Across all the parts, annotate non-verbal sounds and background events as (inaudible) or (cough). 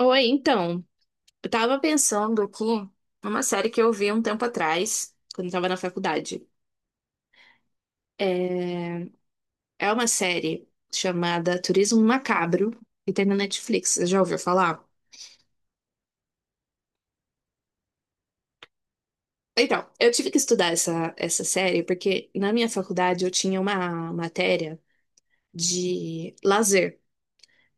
Oi, então, eu tava pensando aqui numa série que eu vi um tempo atrás, quando eu tava na faculdade. É é uma série chamada Turismo Macabro, que tem na Netflix. Você já ouviu falar? Então, eu tive que estudar essa série porque na minha faculdade eu tinha uma matéria de lazer.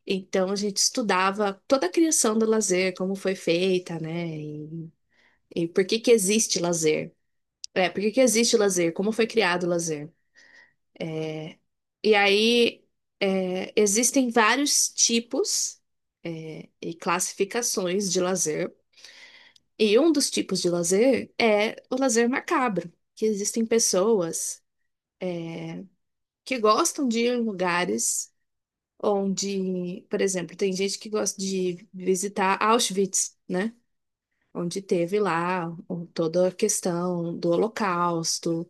Então, a gente estudava toda a criação do lazer, como foi feita, né? E por que que existe lazer. É, por que que existe lazer? Como foi criado o lazer? E aí, existem vários tipos e classificações de lazer. E um dos tipos de lazer é o lazer macabro, que existem pessoas que gostam de ir em lugares onde, por exemplo, tem gente que gosta de visitar Auschwitz, né? Onde teve lá toda a questão do Holocausto.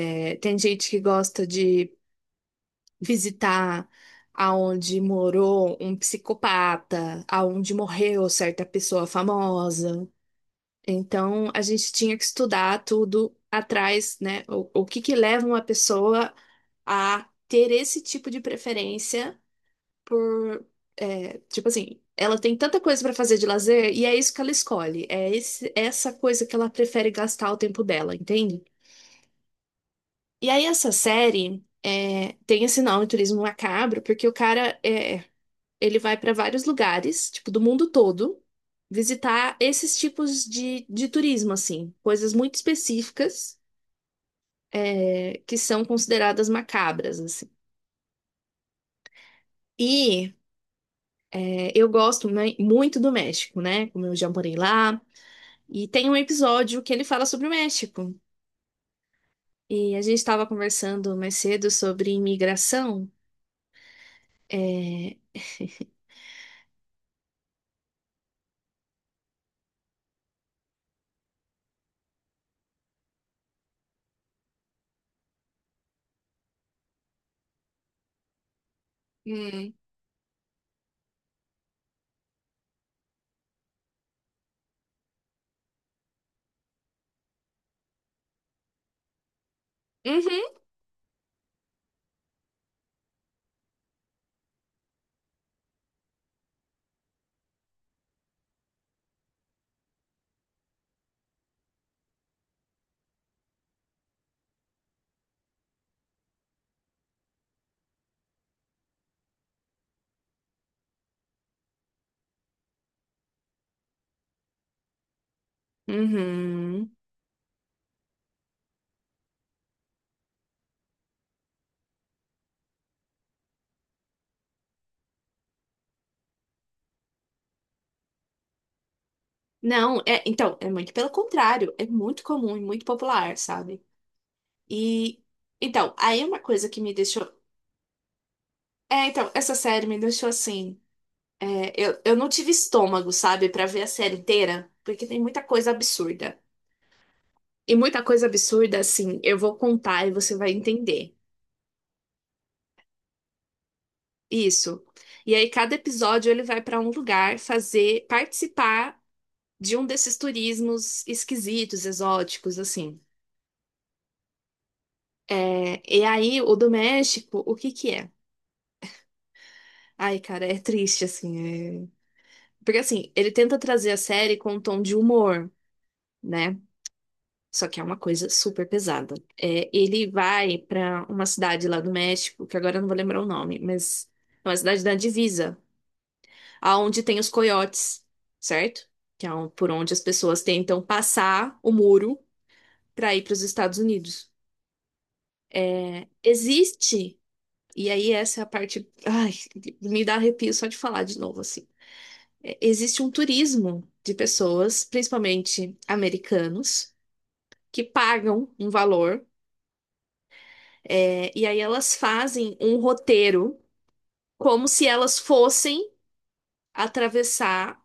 É, tem gente que gosta de visitar aonde morou um psicopata, aonde morreu certa pessoa famosa. Então, a gente tinha que estudar tudo atrás, né? O que que leva uma pessoa a ter esse tipo de preferência por, tipo assim, ela tem tanta coisa para fazer de lazer e é isso que ela escolhe, é essa coisa que ela prefere gastar o tempo dela, entende? E aí essa série tem esse nome, Turismo Macabro, porque o cara ele vai para vários lugares, tipo, do mundo todo, visitar esses tipos de turismo, assim, coisas muito específicas, que são consideradas macabras, assim. E eu gosto né, muito do México, né? Como eu já morei lá. E tem um episódio que ele fala sobre o México. E a gente estava conversando mais cedo sobre imigração. Hum. Uhum, uhum. Não, então, é muito pelo contrário, é muito comum e muito popular, sabe? E então, aí uma coisa que me deixou. É, então, essa série me deixou assim. Eu não tive estômago, sabe, pra ver a série inteira, porque tem muita coisa absurda. E muita coisa absurda, assim, eu vou contar e você vai entender. Isso. E aí, cada episódio ele vai pra um lugar fazer, participar de um desses turismos esquisitos, exóticos, assim. É, e aí, o do México, o que que é? Ai, cara, é triste, assim. Porque assim, ele tenta trazer a série com um tom de humor, né? Só que é uma coisa super pesada. É, ele vai pra uma cidade lá do México, que agora eu não vou lembrar o nome, mas é uma cidade da divisa, aonde tem os coiotes, certo? Que é por onde as pessoas tentam passar o muro pra ir pros Estados Unidos. Existe, e aí essa é a parte, ai, me dá arrepio só de falar de novo assim. É, existe um turismo de pessoas, principalmente americanos que pagam um valor, e aí elas fazem um roteiro como se elas fossem atravessar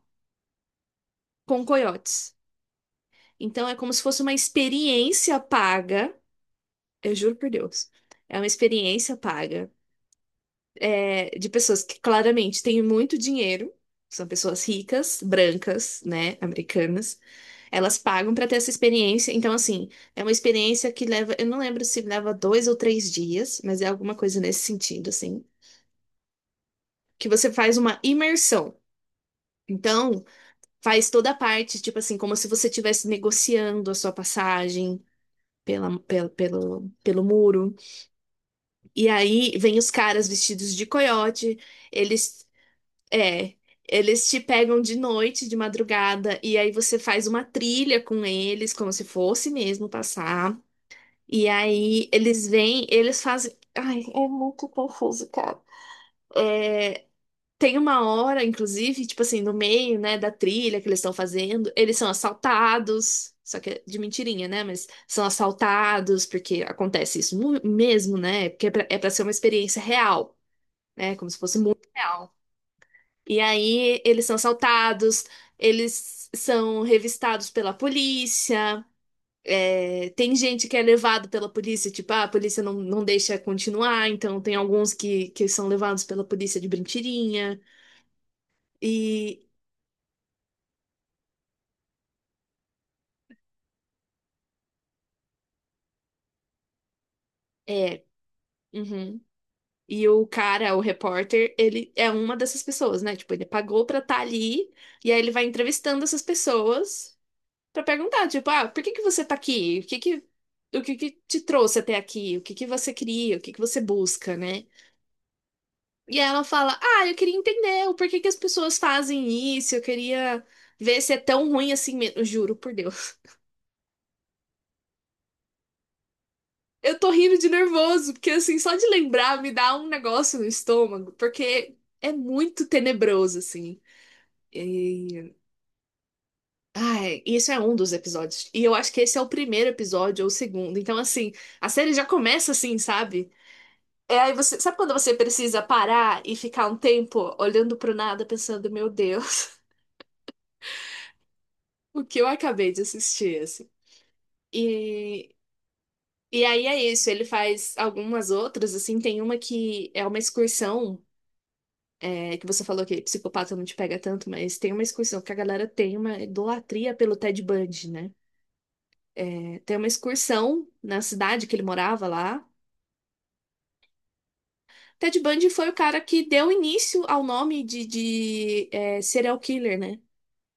com coiotes. Então é como se fosse uma experiência paga, eu juro por Deus, é uma experiência paga, de pessoas que claramente têm muito dinheiro, são pessoas ricas, brancas, né, americanas. Elas pagam para ter essa experiência. Então, assim, é uma experiência que leva. Eu não lembro se leva dois ou três dias, mas é alguma coisa nesse sentido, assim, que você faz uma imersão. Então, faz toda a parte, tipo assim, como se você estivesse negociando a sua passagem pelo muro. E aí vem os caras vestidos de coiote, eles. É. Eles te pegam de noite, de madrugada, e aí você faz uma trilha com eles, como se fosse mesmo passar. E aí eles vêm, eles fazem. Ai, é tem uma hora, inclusive, tipo assim, no meio, né, da trilha que eles estão fazendo, eles são assaltados. Só que é de mentirinha, né? Mas são assaltados, porque acontece isso mesmo, né? Porque é pra ser uma experiência real, né? Como se fosse muito real. E aí eles são assaltados, eles são revistados pela polícia, tem gente que é levado pela polícia, tipo, ah, a polícia não deixa continuar, então tem alguns que são levados pela polícia de mentirinha. E. é, Uhum. E o cara, o repórter, ele é uma dessas pessoas, né? Tipo, ele pagou pra estar ali e aí ele vai entrevistando essas pessoas pra perguntar, tipo, ah, por que que você tá aqui? O que que te trouxe até aqui? O que que você queria? O que que você busca, né? E aí ela fala, ah, eu queria entender o porquê que as pessoas fazem isso, eu queria ver se é tão ruim assim mesmo. Juro por Deus. (laughs) Eu tô rindo de nervoso, porque assim, só de lembrar me dá um negócio no estômago, porque é muito tenebroso, assim. E... Ai, isso é um dos episódios. E eu acho que esse é o primeiro episódio ou o segundo. Então, assim, a série já começa assim, sabe? É aí você. Sabe quando você precisa parar e ficar um tempo olhando pro nada, pensando, meu Deus, (laughs) o que eu acabei de assistir, assim? E. E aí é isso, ele faz algumas outras, assim, tem uma que é uma excursão, que você falou que psicopata não te pega tanto, mas tem uma excursão que a galera tem uma idolatria pelo Ted Bundy, né? Ter uma excursão na cidade que ele morava lá. Ted Bundy foi o cara que deu início ao nome de serial killer, né?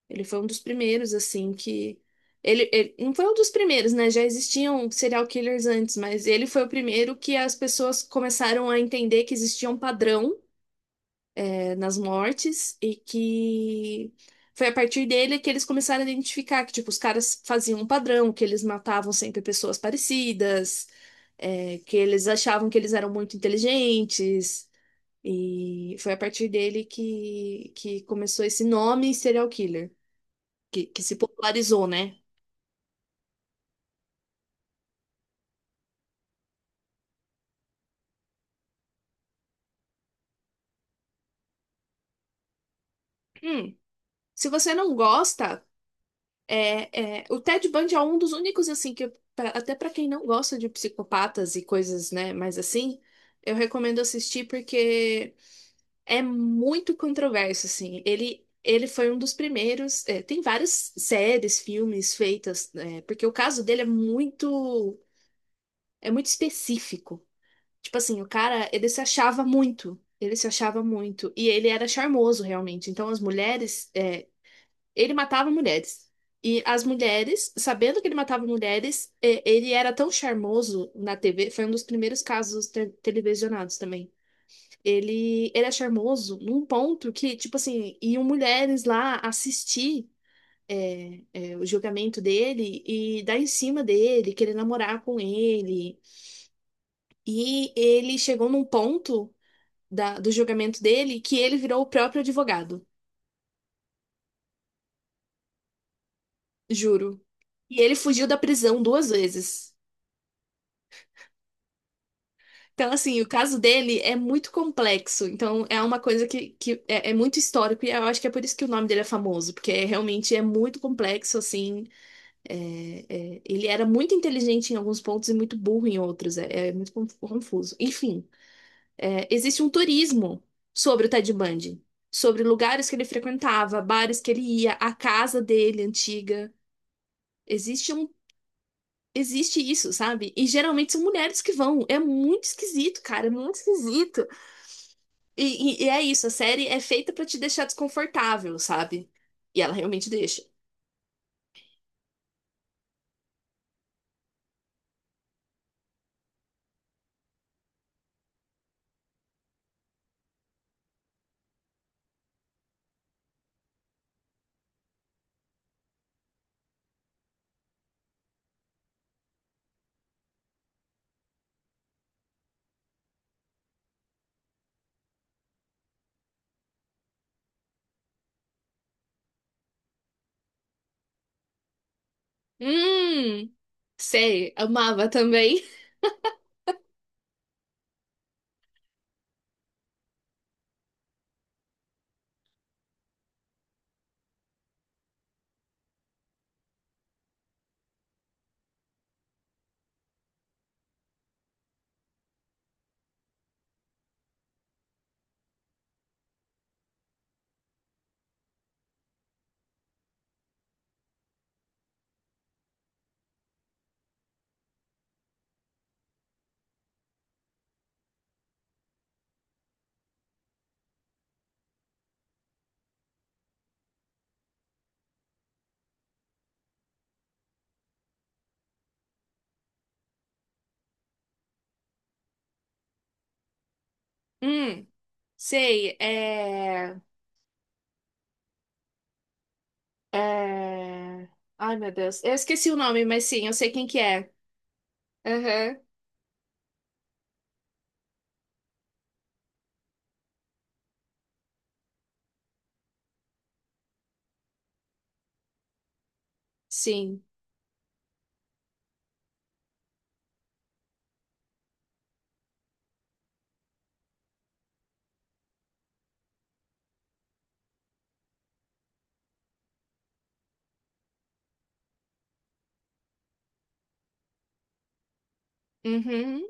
Ele foi um dos primeiros, assim, que. Ele não foi um dos primeiros, né? Já existiam serial killers antes, mas ele foi o primeiro que as pessoas começaram a entender que existia um padrão nas mortes e que foi a partir dele que eles começaram a identificar que, tipo, os caras faziam um padrão, que eles matavam sempre pessoas parecidas, que eles achavam que eles eram muito inteligentes. E foi a partir dele que começou esse nome serial killer, que se popularizou, né? Hum, Se você não gosta. É, o Ted Bundy é um dos únicos, assim, que até pra quem não gosta de psicopatas e coisas, né, mas assim, eu recomendo assistir porque é muito controverso, assim. Ele foi um dos primeiros. Tem várias séries, filmes feitas, né, porque o caso dele é muito específico. Tipo assim, o cara, ele se achava muito. Ele se achava muito. E ele era charmoso, realmente. Então, as mulheres. Ele matava mulheres. E as mulheres, sabendo que ele matava mulheres, ele era tão charmoso na TV. Foi um dos primeiros casos televisionados também. Ele era charmoso num ponto que, tipo assim, iam mulheres lá assistir, o julgamento dele e dar em cima dele, querer namorar com ele. E ele chegou num ponto do julgamento dele que ele virou o próprio advogado, juro. E ele fugiu da prisão duas vezes. Então, assim, o caso dele é muito complexo. Então, é uma coisa que é muito histórico e eu acho que é por isso que o nome dele é famoso, porque realmente é muito complexo, assim. é- Ele era muito inteligente em alguns pontos e muito burro em outros. É muito confuso. Enfim, existe um turismo sobre o Ted Bundy, sobre lugares que ele frequentava, bares que ele ia, a casa dele antiga. Existe um Existe isso, sabe? E geralmente são mulheres que vão. É muito esquisito, cara. É muito esquisito. E é isso, a série é feita pra te deixar desconfortável, sabe? E ela realmente deixa. Hum, sei, amava também. (laughs) Hum, sei, é... Ai, meu Deus, eu esqueci o nome, mas sim, eu sei quem que é. Aham, sim. Uhum.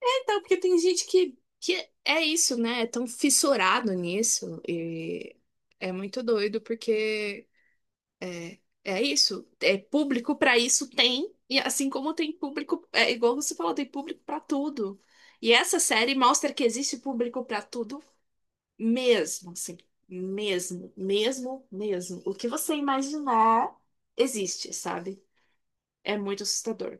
É, então, porque tem gente que é isso, né? É tão fissurado nisso e é muito doido porque é isso. É público para isso tem, e assim como tem público, é igual você falou, tem público para tudo. E essa série mostra que existe público para tudo mesmo, assim, mesmo, mesmo, mesmo. O que você imaginar existe, sabe? É muito assustador.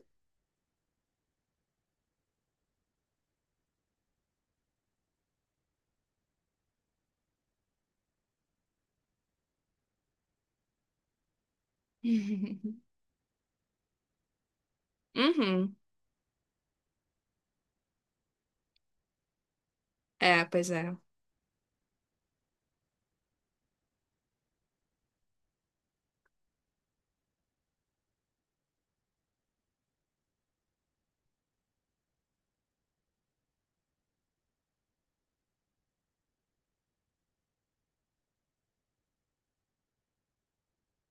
(laughs) Uhum. É, pois é.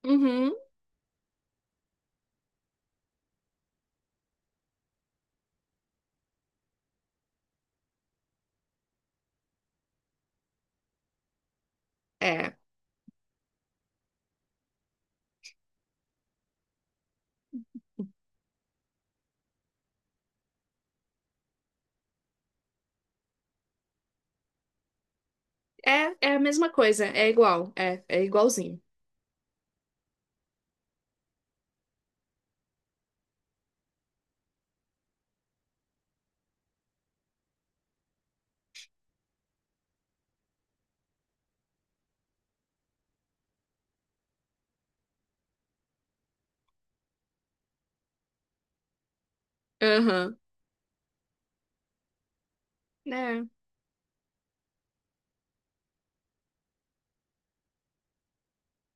Uhum. É. É a mesma coisa, é igual, é igualzinho. Aham. É.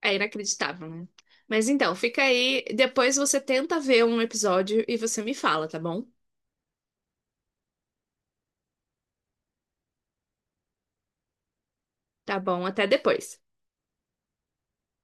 É inacreditável, né? Mas então, fica aí. Depois você tenta ver um episódio e você me fala, tá bom? Tá bom, até depois.